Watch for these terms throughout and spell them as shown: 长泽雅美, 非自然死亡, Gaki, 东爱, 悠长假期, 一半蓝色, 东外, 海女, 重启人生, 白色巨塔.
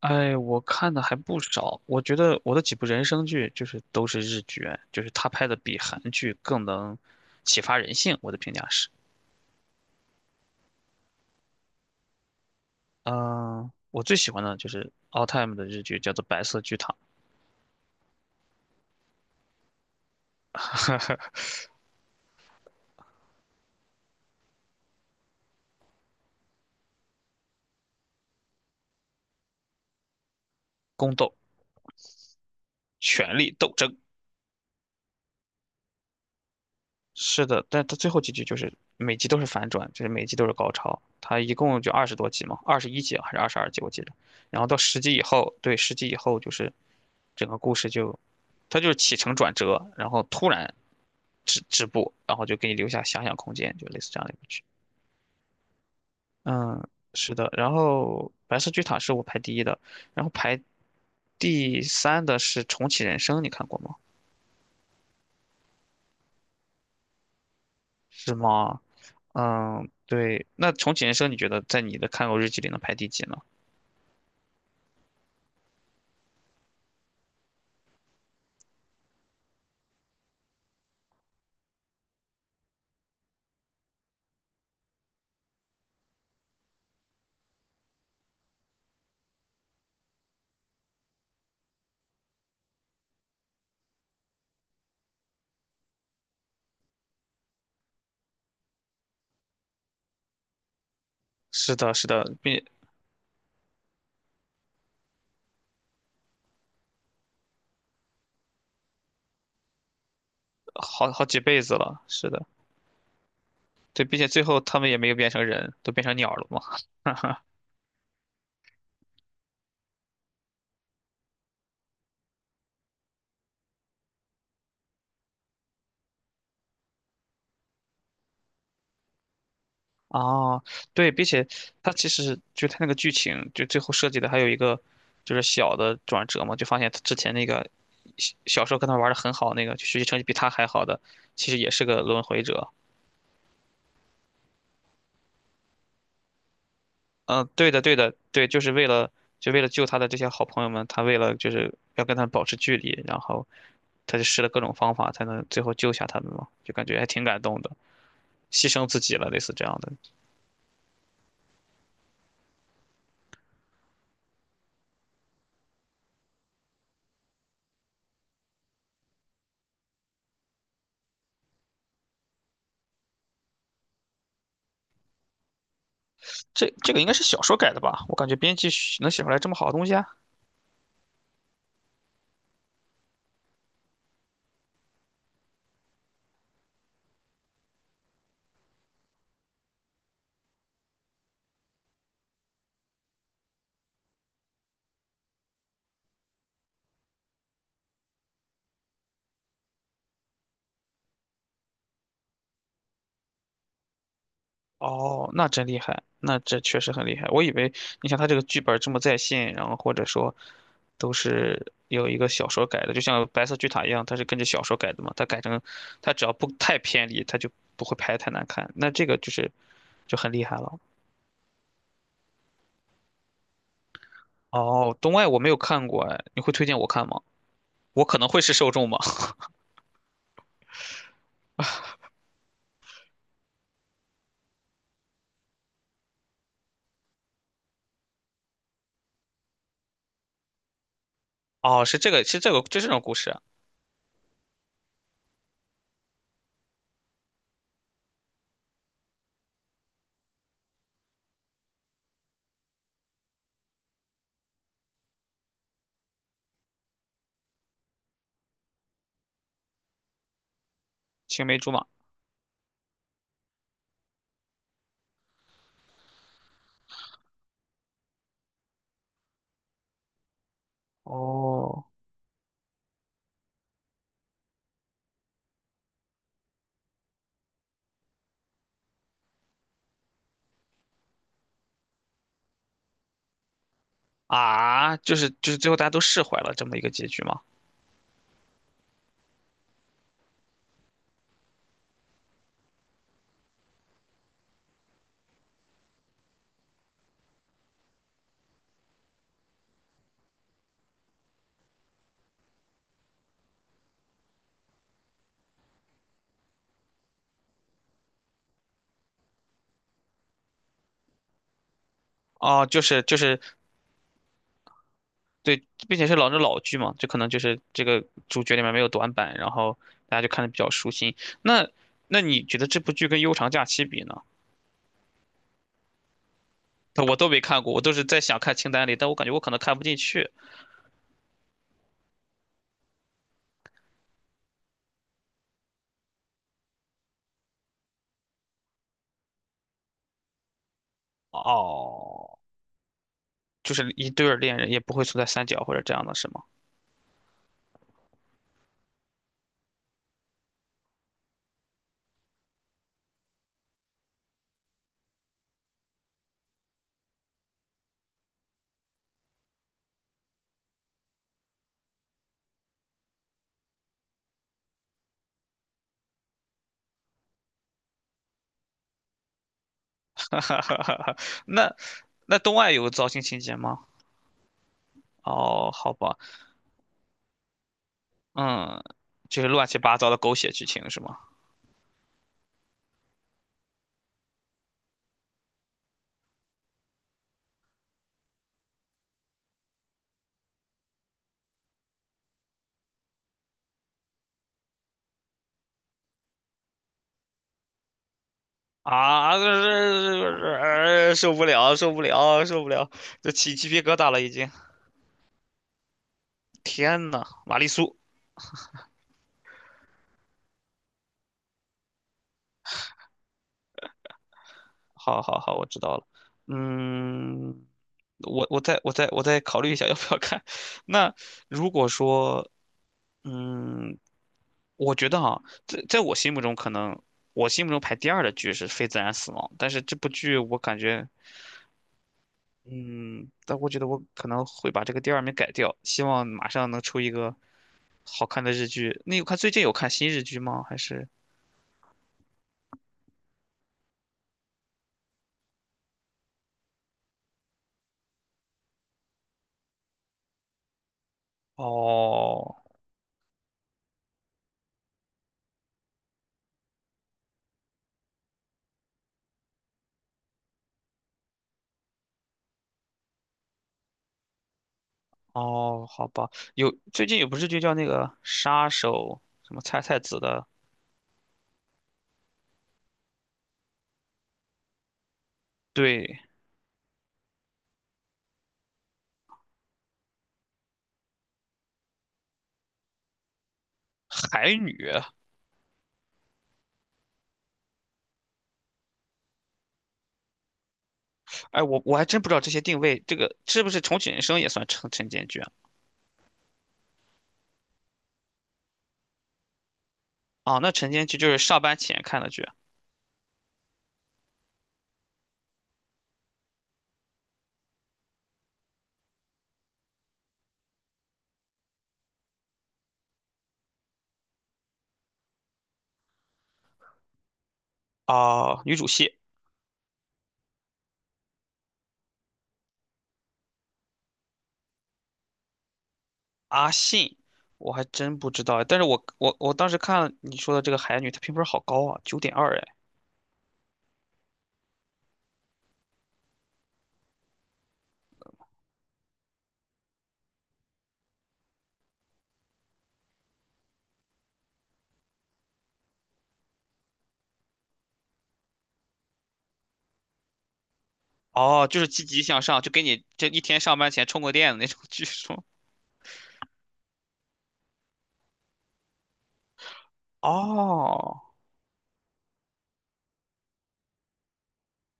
哎，我看的还不少，我觉得我的几部人生剧就是都是日剧，就是他拍的比韩剧更能启发人性，我的评价是。嗯、我最喜欢的就是 all time 的日剧，叫做《白色巨塔》、宫斗、权力斗争。是的，但它最后几集就是每集都是反转，就是每集都是高潮。它一共就20多集嘛，21集啊还是22集我记得。然后到十集以后，对，十集以后就是整个故事就，它就是起承转折，然后突然止步，然后就给你留下遐想空间，就类似这样的一部剧。嗯，是的。然后白色巨塔是我排第一的，然后排第三的是重启人生，你看过吗？是吗？嗯，对。那重启人生，你觉得在你的看过日记里能排第几呢？是的，是的，并好好几辈子了。是的，对，并且最后他们也没有变成人，都变成鸟了嘛。哈哈。哦，对，并且他其实就他那个剧情，就最后设计的还有一个就是小的转折嘛，就发现他之前那个小时候跟他玩的很好那个，就学习成绩比他还好的，其实也是个轮回者。嗯，对的，对的，对，就是为了救他的这些好朋友们，他为了就是要跟他们保持距离，然后他就试了各种方法才能最后救下他们嘛，就感觉还挺感动的，牺牲自己了，类似这样的。这个应该是小说改的吧？我感觉编辑能写出来这么好的东西啊。哦，那真厉害，那这确实很厉害。我以为你像他这个剧本这么在线，然后或者说都是有一个小说改的，就像《白色巨塔》一样，它是跟着小说改的嘛。它改成，它只要不太偏离，它就不会拍得太难看。那这个就是就很厉害了。哦，《东外我没有看过，哎，你会推荐我看吗？我可能会是受众吗？哦，是这个，是这个，就这种故事啊，青梅竹马。哦，啊，就是最后大家都释怀了这么一个结局吗？哦，就是对，并且是老剧嘛，这可能就是这个主角里面没有短板，然后大家就看的比较舒心。那那你觉得这部剧跟《悠长假期》比呢？我都没看过，我都是在想看清单里，但我感觉我可能看不进去。哦，就是一对儿恋人也不会存在三角或者这样的，是吗？那东爱有糟心情节吗？哦，好吧，嗯，就是乱七八糟的狗血剧情是吗？啊，就是受不了，受不了，受不了，这起鸡皮疙瘩了已经。天呐，玛丽苏，好好好，我知道了。嗯，我再考虑一下要不要看。那如果说，嗯，我觉得在我心目中可能我心目中排第二的剧是《非自然死亡》，但是这部剧我感觉，嗯，但我觉得我可能会把这个第二名改掉，希望马上能出一个好看的日剧。那有看最近有看新日剧吗？还是哦哦，好吧，有最近有部日剧叫那个杀手什么菜菜子的，对，海女。哎，我还真不知道这些定位，这个是不是重启人生也算晨间剧啊？啊，那晨间剧就是上班前看的剧啊，女主戏阿信。我还真不知道，但是我当时看了你说的这个海女，她评分好高啊，9.2哎哦，就是积极向上，就给你这一天上班前充过电的那种剧是吗？哦，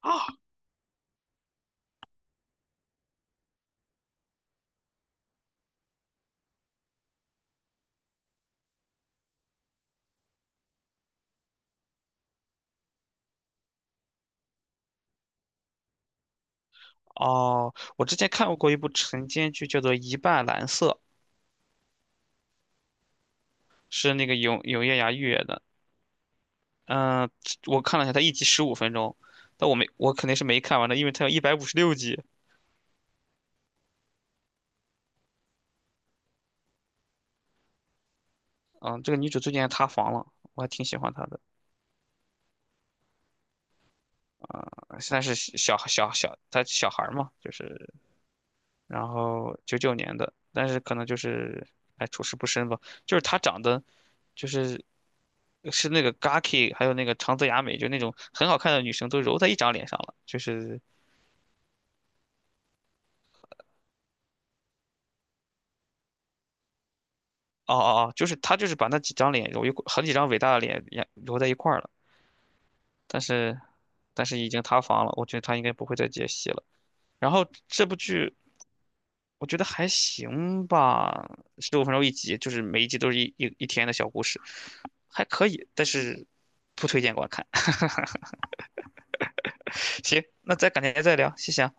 啊，哦，我之前看过一部晨间剧，叫做《一半蓝色》，是那个永永夜芽月的。嗯、我看了一下，它一集十五分钟，但我没，我肯定是没看完的，因为它有156集。嗯、这个女主最近还塌房了，我还挺喜欢她的。啊、现在是小，她小孩儿嘛，就是然后99年的，但是可能就是哎处事不深吧，就是他长得就是是那个 Gaki，还有那个长泽雅美，就那种很好看的女生都揉在一张脸上了，就是哦哦哦，就是他就是把那几张脸揉一块，很几张伟大的脸也揉在一块儿了，但是但是已经塌房了，我觉得他应该不会再接戏了。然后这部剧我觉得还行吧，十五分钟一集，就是每一集都是一天的小故事，还可以，但是不推荐观看。行，那再改天再聊，谢谢啊。